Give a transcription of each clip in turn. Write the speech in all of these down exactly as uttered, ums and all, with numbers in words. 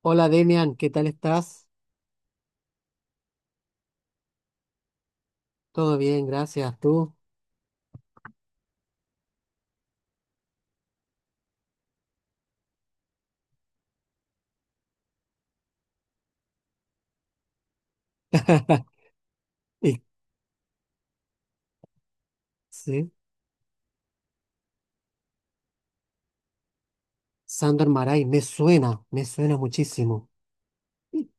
Hola Demian, ¿qué tal estás? Todo bien, gracias. ¿Tú? Y- sí, Sandor Maray, me suena, me suena muchísimo. Y-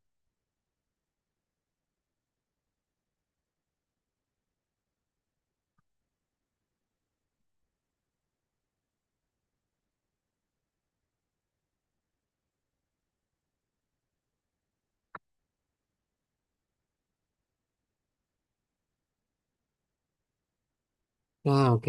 Ah, ok.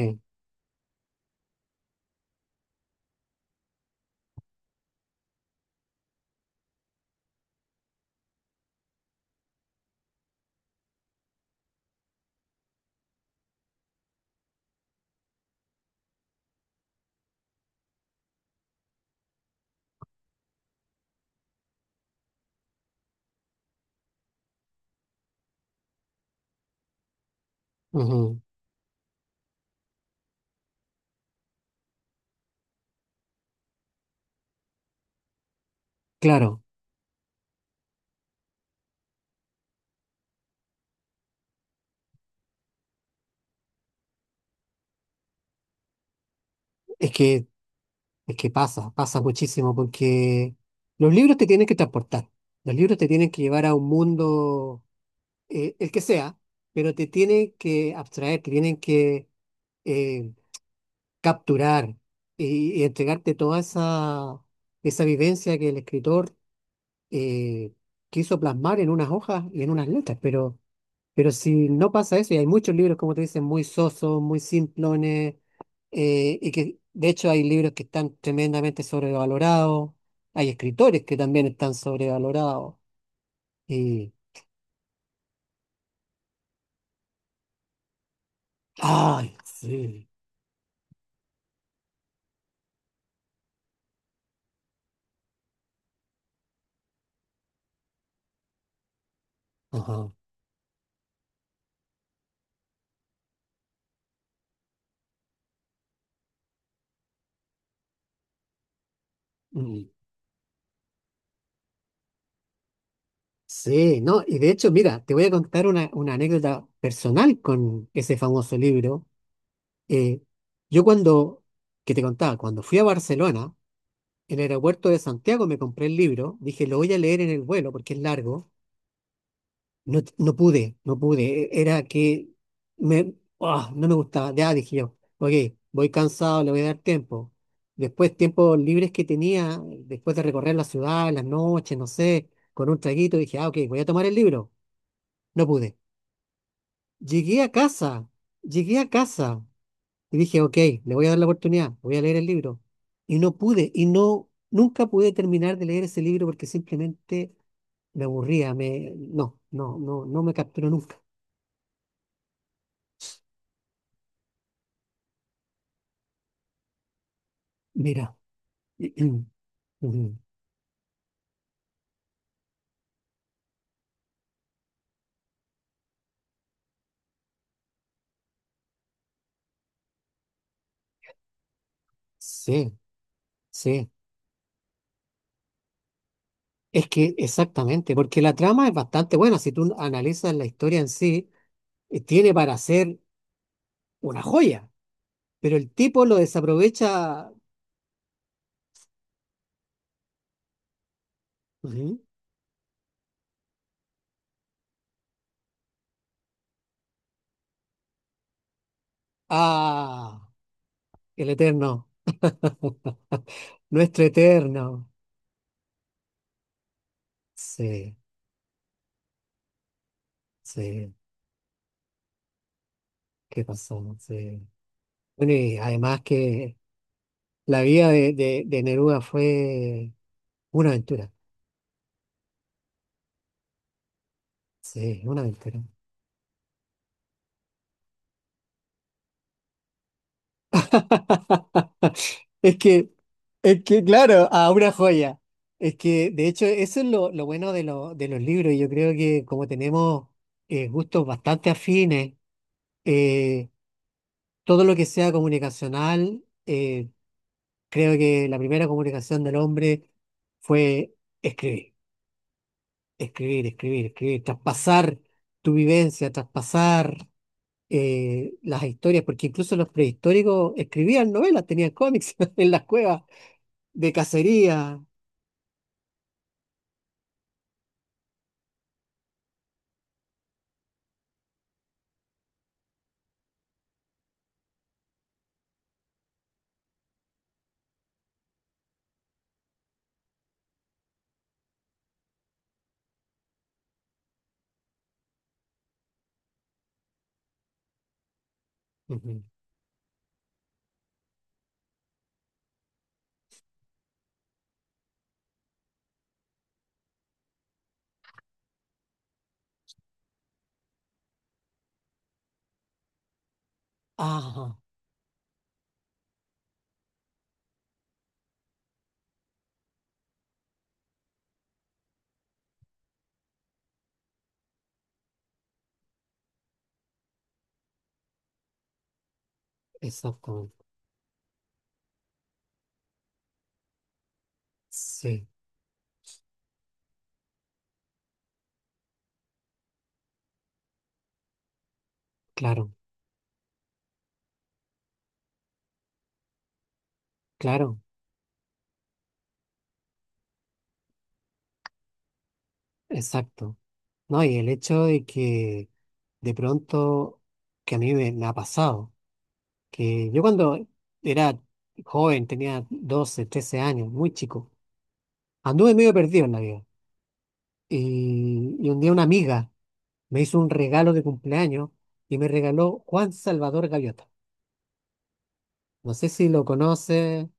Ujú. Claro, es que, es que pasa, pasa muchísimo porque los libros te tienen que transportar, los libros te tienen que llevar a un mundo. Eh, el que sea, pero te tienen que abstraer, te tienen que eh, capturar y, y entregarte toda esa, esa vivencia que el escritor eh, quiso plasmar en unas hojas y en unas letras. Pero, pero si no pasa eso, y hay muchos libros, como te dicen, muy sosos, muy simplones, eh, y que de hecho hay libros que están tremendamente sobrevalorados, hay escritores que también están sobrevalorados. Y, ay, sí, ajá. Mm. Sí, no, y de hecho, mira, te voy a contar una, una anécdota personal con ese famoso libro. Eh, yo cuando, que te contaba, cuando fui a Barcelona, en el aeropuerto de Santiago me compré el libro, dije, lo voy a leer en el vuelo porque es largo, no, t- no pude, no pude, e- era que me, ah, no me gustaba, ya dije yo, ok, voy cansado, le voy a dar tiempo. Después, tiempos libres que tenía, después de recorrer la ciudad, en las noches, no sé, con un traguito, dije, ah, ok, voy a tomar el libro, no pude. Llegué a casa, llegué a casa y dije, ok, le voy a dar la oportunidad, voy a leer el libro. Y no pude, y no, nunca pude terminar de leer ese libro porque simplemente me aburría, me, no, no, no, no me capturó nunca. Mira. Ujú. Sí, sí, es que exactamente, porque la trama es bastante buena, si tú analizas la historia en sí, eh, tiene para ser una joya, pero el tipo lo desaprovecha. Ujú. A el eterno. Nuestro eterno. Sí, sí, qué pasó, sí. Bueno, y además que la vida de, de, de Neruda fue una aventura. Sí, una aventura. Es que, es que, claro, a una joya. Es que, de hecho, eso es lo, lo bueno de, lo- de los libros. Yo creo que como tenemos eh, gustos bastante afines, eh, todo lo que sea comunicacional, eh, creo que la primera comunicación del hombre fue escribir, escribir, escribir, escribir, traspasar tu vivencia, traspasar eh, las historias, porque incluso los prehistóricos escribían novelas, tenían cómics en las cuevas de cacería. Ujú. Ajá, exactamente. Sí, claro, claro, exacto. No, y el hecho de que de pronto, que a mí me me ha pasado que yo cuando era joven, tenía doce trece años, muy chico, anduve medio perdido en la vida. Y, y un día una amiga me hizo un regalo de cumpleaños y me regaló Juan Salvador Gaviota. No sé si lo conoce,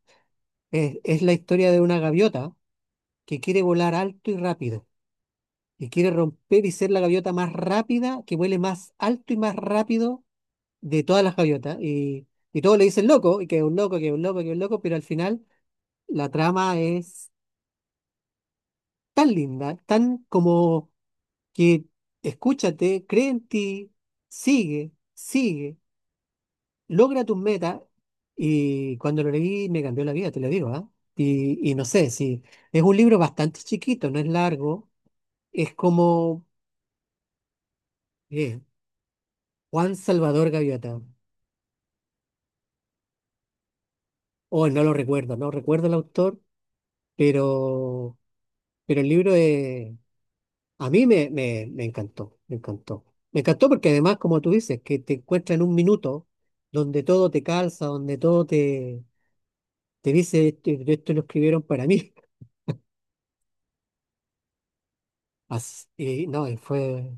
es, es la historia de una gaviota que quiere volar alto y rápido y quiere romper y ser la gaviota más rápida, que vuele más alto y más rápido de todas las gaviotas. Y, y todos le dicen loco, y que es un loco, que es un loco, que es un loco, pero al final la trama es tan linda, tan como que escúchate, cree en ti, sigue, sigue, logra tus metas. Y cuando lo leí me cambió la vida, te lo digo, ¿ah? Y, y no sé, si es un libro bastante chiquito, no es largo, es como eh, Juan Salvador Gaviota. Oh, no lo recuerdo, no recuerdo el autor, pero, pero el libro es, a mí me, me, me encantó, me encantó. Me encantó porque además, como tú dices, que te encuentras en un minuto donde todo te calza, donde todo te, te dice, esto, esto lo escribieron para mí. Así, y no, y fue...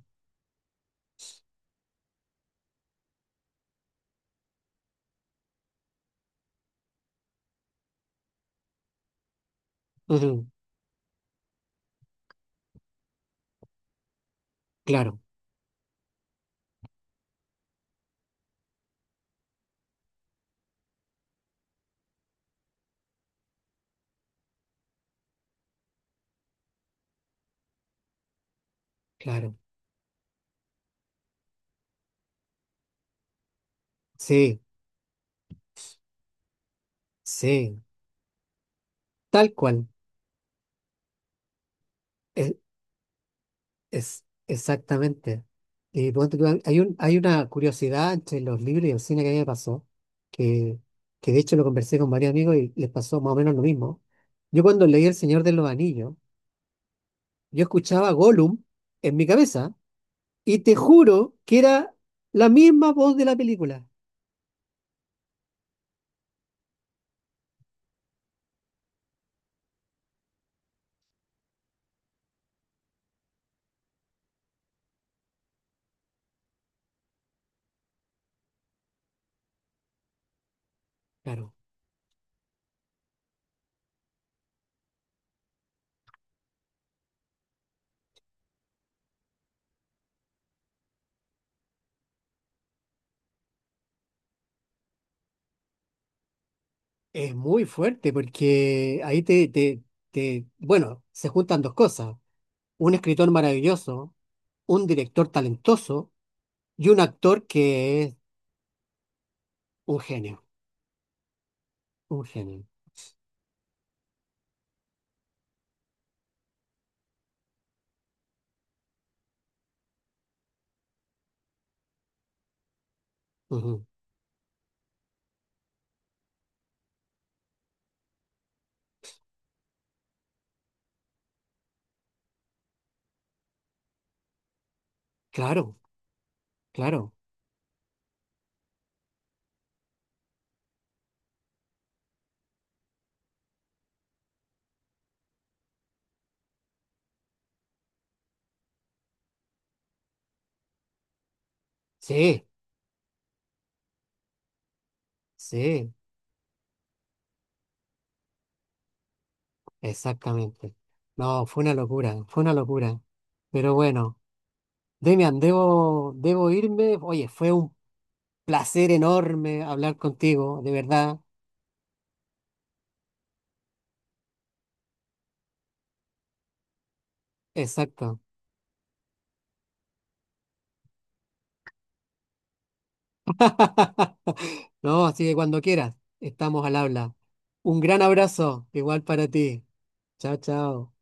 ujú, claro, claro. Sí, sí. Tal cual. Es, es exactamente. Y ponte tú, hay un, hay una curiosidad entre los libros y el cine que a mí me pasó, que, que de hecho lo conversé con varios amigos y les pasó más o menos lo mismo. Yo cuando leí El Señor de los Anillos, yo escuchaba Gollum en mi cabeza y te juro que era la misma voz de la película. Claro, es muy fuerte porque ahí te, te, te, bueno, se juntan dos cosas. Un escritor maravilloso, un director talentoso y un actor que es un genio, un genio. Ujú. Claro, claro. Sí, sí, exactamente. No, fue una locura, fue una locura. Pero bueno. Demian, debo, debo irme. Oye, fue un placer enorme hablar contigo, de verdad. Exacto. No, así que cuando quieras, estamos al habla. Un gran abrazo, igual para ti. Chao, chao.